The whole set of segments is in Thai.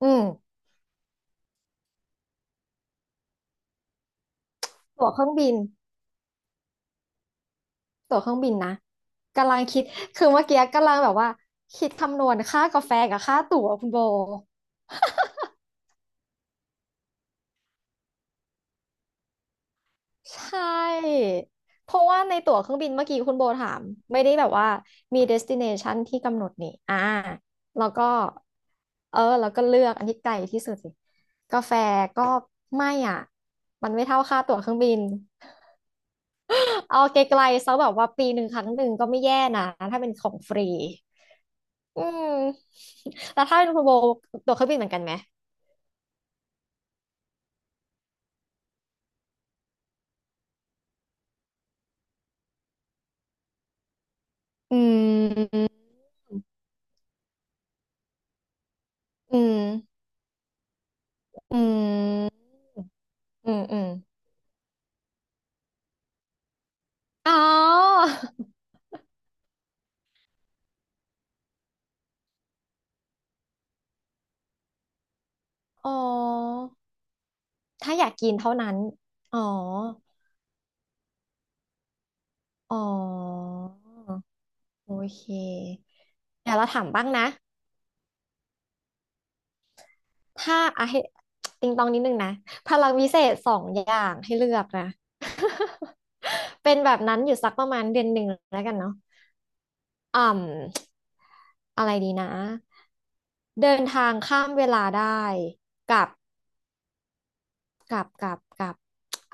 อืมตั๋วเครื่องบินตั๋วเครื่องบินนะกำลังคิดคือเมื่อกี้กำลังแบบว่าคิดคำนวณค่ากาแฟกับค่าตั๋วคุณโบใช่เพราะว่าในตั๋วเครื่องบินเมื่อกี้คุณโบถามไม่ได้แบบว่ามี destination ที่กำหนดนี่แล้วก็เออแล้วก็เลือกอันที่ไกลที่สุดสิกาแฟก็ไม่อ่ะมันไม่เท่าค่าตั๋วเครื่องบินเอาไกลๆซะแบบว่าปีหนึ่งครั้งหนึ่งก็ไม่แย่นะถ้าเป็นของฟรี อืมแล้วถ้าเป็นคุณโบตัวเครื่องบินเหมือนกันไหมอืมอืมอืมอืมอืมอ๋อ อ๋อถ้าอยากกินเท่านั้นอ๋ออ๋อโอเคเดี๋ยวเราถามบ้างนะ ถ้าอ่ะให้ติงตองนิดนึงนะพลังวิเศษสองอย่างให้เลือกนะ เป็นแบบนั้นอยู่สักประมาณเดือนหนึ่งแล้วกันเนาะ อ่อะไรดีนะเดินทางข้ามเวลาได้กับกับ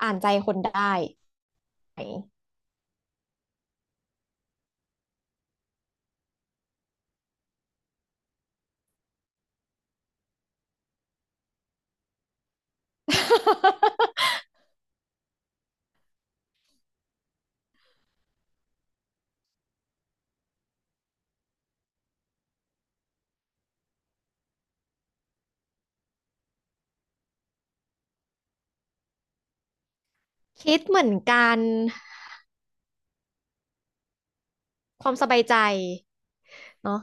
อ่านใจคนได้ ไหน คิดเหมือนกันความสบายใจเนาะ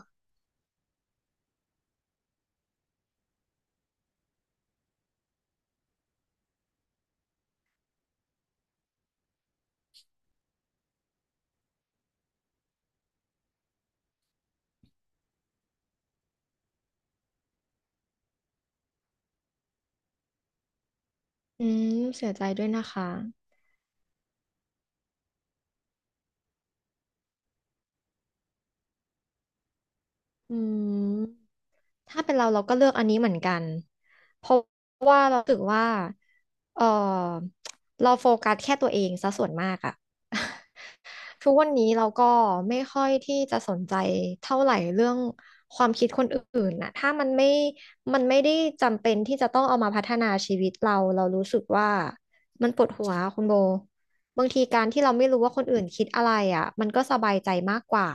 อืมเสียใจด้วยนะคะอืม ถ้าเป็นเราเราก็เลือกอันนี้เหมือนกันเพราะว่าเรารู้สึกว่าเออเราโฟกัสแค่ตัวเองซะส่วนมากอะ ทุกวันนี้เราก็ไม่ค่อยที่จะสนใจเท่าไหร่เรื่องความคิดคนอื่นนะถ้ามันไม่ได้จำเป็นที่จะต้องเอามาพัฒนาชีวิตเรา เรารู้สึกว่ามันปวดหัวคุณโบบางทีการที่เราไม่รู้ว่าคนอื่นคิดอะไรอ่ะมันก็สบายใจมากกว่า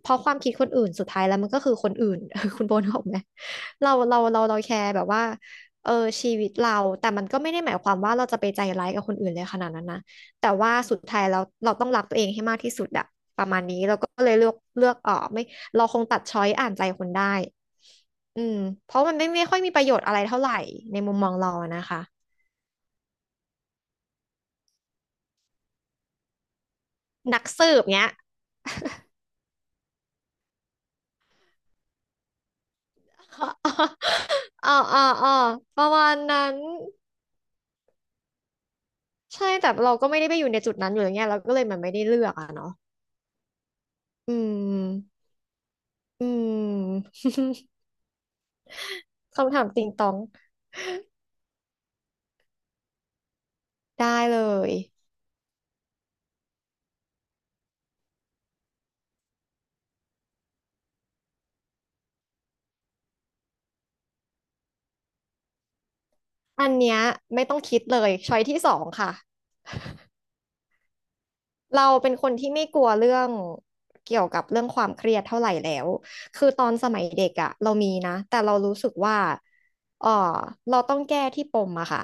เพราะความคิดคนอื่นสุดท้ายแล้วมันก็คือคนอื่น คุณโบนึกออกไหม เราแคร์แบบว่าเออชีวิตเรา แต่มันก็ไม่ได้หมายความว่าเราจะไปใจร้ายกับคนอื่นเลยขนาดนั้นนะแต่ว่าสุดท้ายเราต้องรักตัวเองให้มากที่สุดอะประมาณนี้เราก็เลยเลือกออกไม่เราคงตัดช้อยอ่านใจคนได้อืมเพราะมันไม่ค่อยมีประโยชน์อะไรเท่าไหร่ในมุมมองเราอะนะคะนักสืบเนี้ย อ่าอ่าอ่าประมาณนั้นใช่แต่เราก็ไม่ได้ไปอยู่ในจุดนั้นอยู่แล้วไงเราก็เลยมันไม่ได้เลือกอะเนาะอืมอืม คำถามติงตองได้เลยอันเนี้ยไม่ต้องคิดเลยช้อยที่สองค่ะเราเป็นคนที่ไม่กลัวเรื่องเกี่ยวกับเรื่องความเครียดเท่าไหร่แล้วคือตอนสมัยเด็กอะเรามีนะแต่เรารู้สึกว่าเออเราต้องแก้ที่ปมอะค่ะ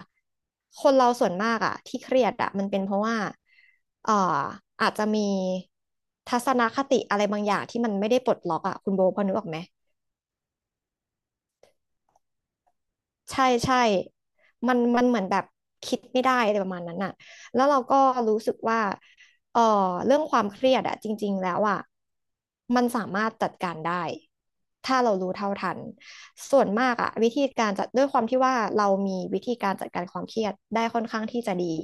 คนเราส่วนมากอะที่เครียดอะมันเป็นเพราะว่าเอออาจจะมีทัศนคติอะไรบางอย่างที่มันไม่ได้ปลดล็อกอะคุณโบพอนึกออกไหม ใช่ใช่มันเหมือนแบบคิดไม่ได้อะไรประมาณนั้นน่ะแล้วเราก็รู้สึกว่าเออเรื่องความเครียดอะจริงๆแล้วอะมันสามารถจัดการได้ ถ้าเรารู้เท่าทันส่วนมากอะวิธีการจัดด้วยความที่ว่าเรามีวิธีการจัดการความเครียดได้ค่อนข้างที่จะดี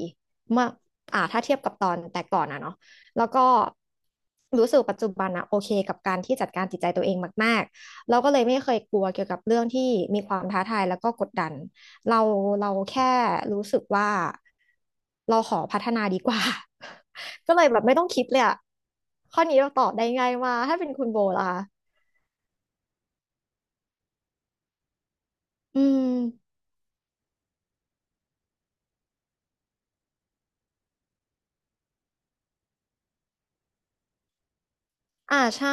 เมื่อถ้าเทียบกับตอนแต่ก่อนอะเนาะแล้วก็รู้สึกปัจจุบันอะโอเคกับการที่จัดการจิตใจตัวเองมาก เราก็เลยไม่เคยกลัวเกี่ยวกับเรื่องที่มีความท้าทายแล้วก็กดดันเราเราแค่รู้สึกว่าเราขอพัฒนาดีกว่า ก็เลยแบบไม่ต้องคิดเลยอะข้อนี้เราตอบได้ง่ายมากถ้าเป็นคุณโบล่ะคะอืมอ่าใช่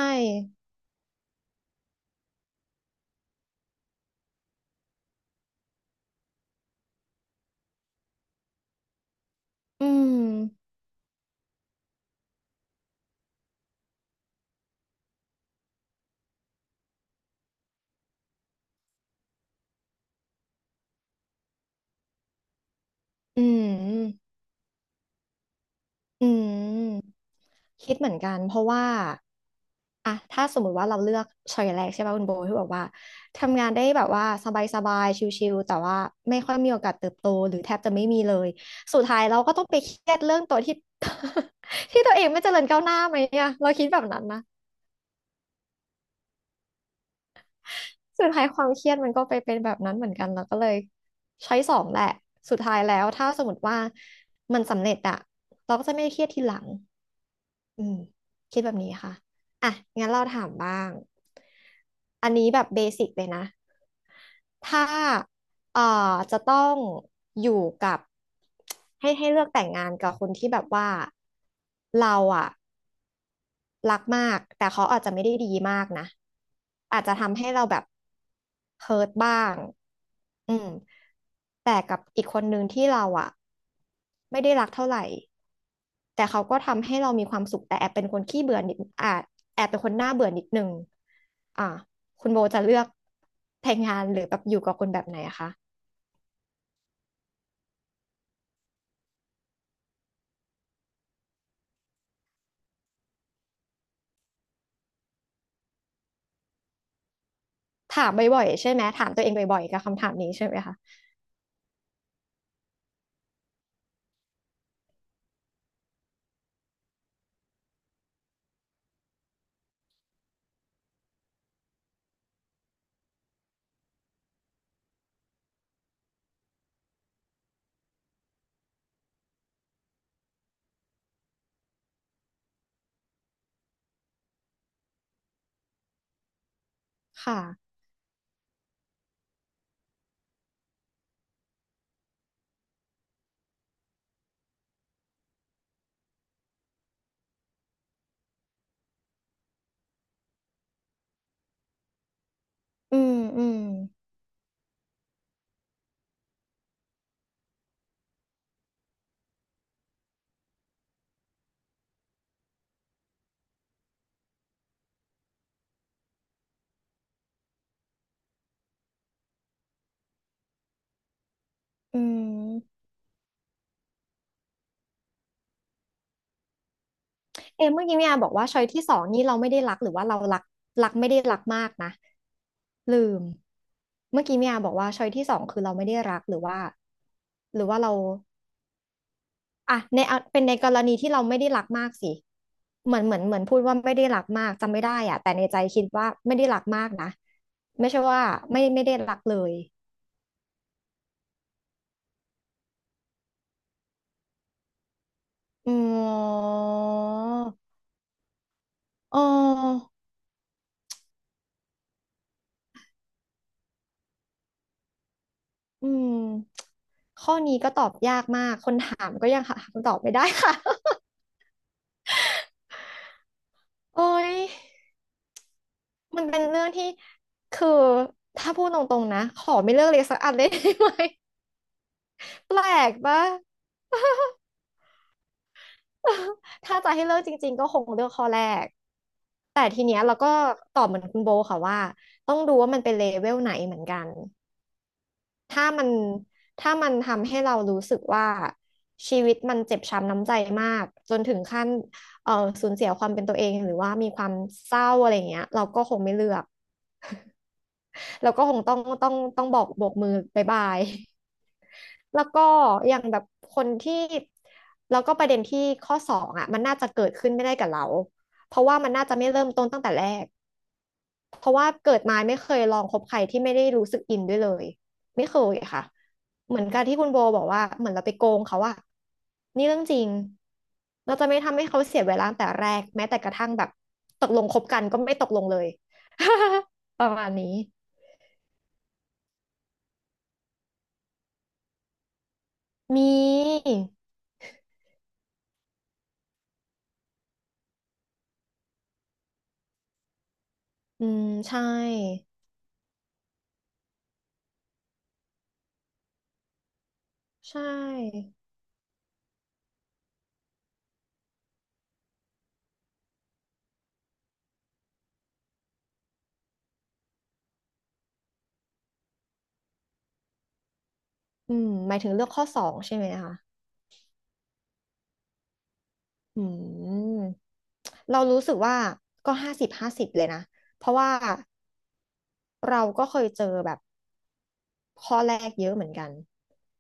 อืมอืมอืมคิดเหมือนกันเพราะว่า อะถ้าสมมุติว่าเราเลือกช้อยแรกใช่ป่ะคุณโบที่บอกว่าทำงานได้แบบว่าสบายๆชิลๆแต่ว่าไม่ค่อยมีโอกาสเติบโตหรือแทบจะไม่มีเลยสุดท้ายเราก็ต้องไปเครียดเรื่องตัวที่ ที่ตัวเองไม่เจริญก้าวหน้าไหมเนี่ยเราคิดแบบนั้นนะสุดท้ายความเครียดมันก็ไปเป็นแบบนั้นเหมือนกันเราก็เลยช้อยสองแหละสุดท้ายแล้วถ้าสมมติว่ามันสำเร็จอะเราก็จะไม่เครียดทีหลัง อืมคิดแบบนี้ค่ะ อ่ะ งั้นเราถามบ้าง อันนี้แบบเบสิกเลยนะ ถ้าเอ่อจะต้องอยู่กับให้ให้เลือกแต่งงานกับคนที่แบบว่าเราอะรักมากแต่เขาอาจจะไม่ได้ดีมากนะอาจจะทำให้เราแบบเฮิร์ตบ้างอืมแต่กับอีกคนนึงที่เราอะไม่ได้รักเท่าไหร่ แต่เขาก็ทำให้เรามีความสุขแต่แอบเป็นคนขี้เบื่อนิดแอบเป็นคนน่าเบื่อนิดนึงอ่าคุณโบจะเลือกแต่งงานหรือแบบอยู่กับคนแบบไหนอะคะถามบ่อยๆใช่ไหมถามตัวเองบ่อยๆกับคำถามนี้ใช่ไหมคะค่ะอืมอืมอืมเอมเมื่อกี้เนี่ยบอกว่าช้อยที่สองนี่เราไม่ได้รักหรือว่าเรารักไม่ได้รักมากนะลืมเมื่อกี้เมียบอกว่าช้อยที่สองคือเราไม่ได้รักหรือว่าหรือว่าเรา อ่ะในเอาเป็นในกรณีที่เราไม่ได้รักมากสิเหมือนพูดว่าไม่ได้รักมากจำไม่ได้อ่ะแต่ในใจคิดว่าไม่ได้รักมากนะไม่ใช่ว่าไม่ได้รักเลยอืมอ๋ออืมข้อนี้ก็ตอบยากมากคนถามก็ยังหาคำตอบไม่ได้ค่ะ โอ้ยมันเป็นเรื่องที่คือถ้าพูดตรงๆนะขอไม่เลือกเลยสักอันเลย ได้ไหมแปลกปะ ถ้าจะให้เลือกจริงๆก็คงเลือกข้อแรก แต่ทีเนี้ยเราก็ตอบเหมือนคุณโบค่ะว่าต้องดูว่ามันเป็นเลเวลไหนเหมือนกันถ้ามันถ้ามันทำให้เรารู้สึกว่าชีวิตมันเจ็บช้ำน้ำใจมากจนถึงขั้นเอ่อสูญเสียความเป็นตัวเองหรือว่ามีความเศร้าอะไรอย่างเงี้ยเราก็คงไม่เลือกเราก็คงต้องบอกโบกมือบายบาย แล้วก็อย่างแบบคนที่แล้วก็ประเด็นที่ข้อสองอ่ะมันน่าจะเกิดขึ้นไม่ได้กับเราเพราะว่ามันน่าจะไม่เริ่มต้นตั้งแต่แรก เพราะว่าเกิดมาไม่เคยลองคบใครที่ไม่ได้รู้สึกอินด้วยเลยไม่เคยค่ะเหมือนการที่คุณโบบอกว่าเหมือนเราไปโกงเขาอะนี่เรื่องจริงเราจะไม่ทำให้เขาเสียเวลาตั้งแต่แรกแม้แต่กระทั่งแบบตกลงคบกันก็ไม่ตกลงเลย ประมาณนี้มีอืมใช่ใช่อืมหมายถึงเลือกข้อสองใช่ไหมคะอืมเรารู้สึกว่าก็50-50เลยนะเพราะว่า เราก็เคยเจอแบบข้อแรกเยอะเหมือนกัน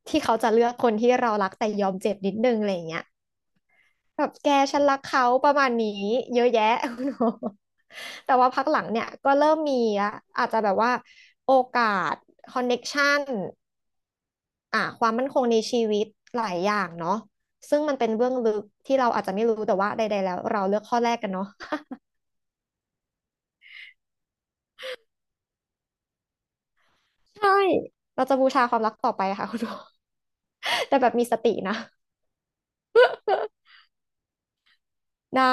ที่เขาจะเลือกคนที่เรารักแต่ยอมเจ็บนิดนึงอะไรอย่างเงี้ยแบบแกฉันรักเขาประมาณนี้เยอะแยะ แต่ว่าพักหลังเนี่ยก็เริ่มมีอะอาจจะแบบว่าโอกาสคอนเน็กชันอ่ะความมั่นคงในชีวิตหลายอย่างเนาะซึ่งมันเป็นเบื้องลึกที่เราอาจจะไม่รู้แต่ว่าใดๆแล้วเราเลือกข้อแรกกันเนาะ ใช่เราจะบูชาความรักต่อไปค่ะคุณโอ แต่แบบมีสตินะได้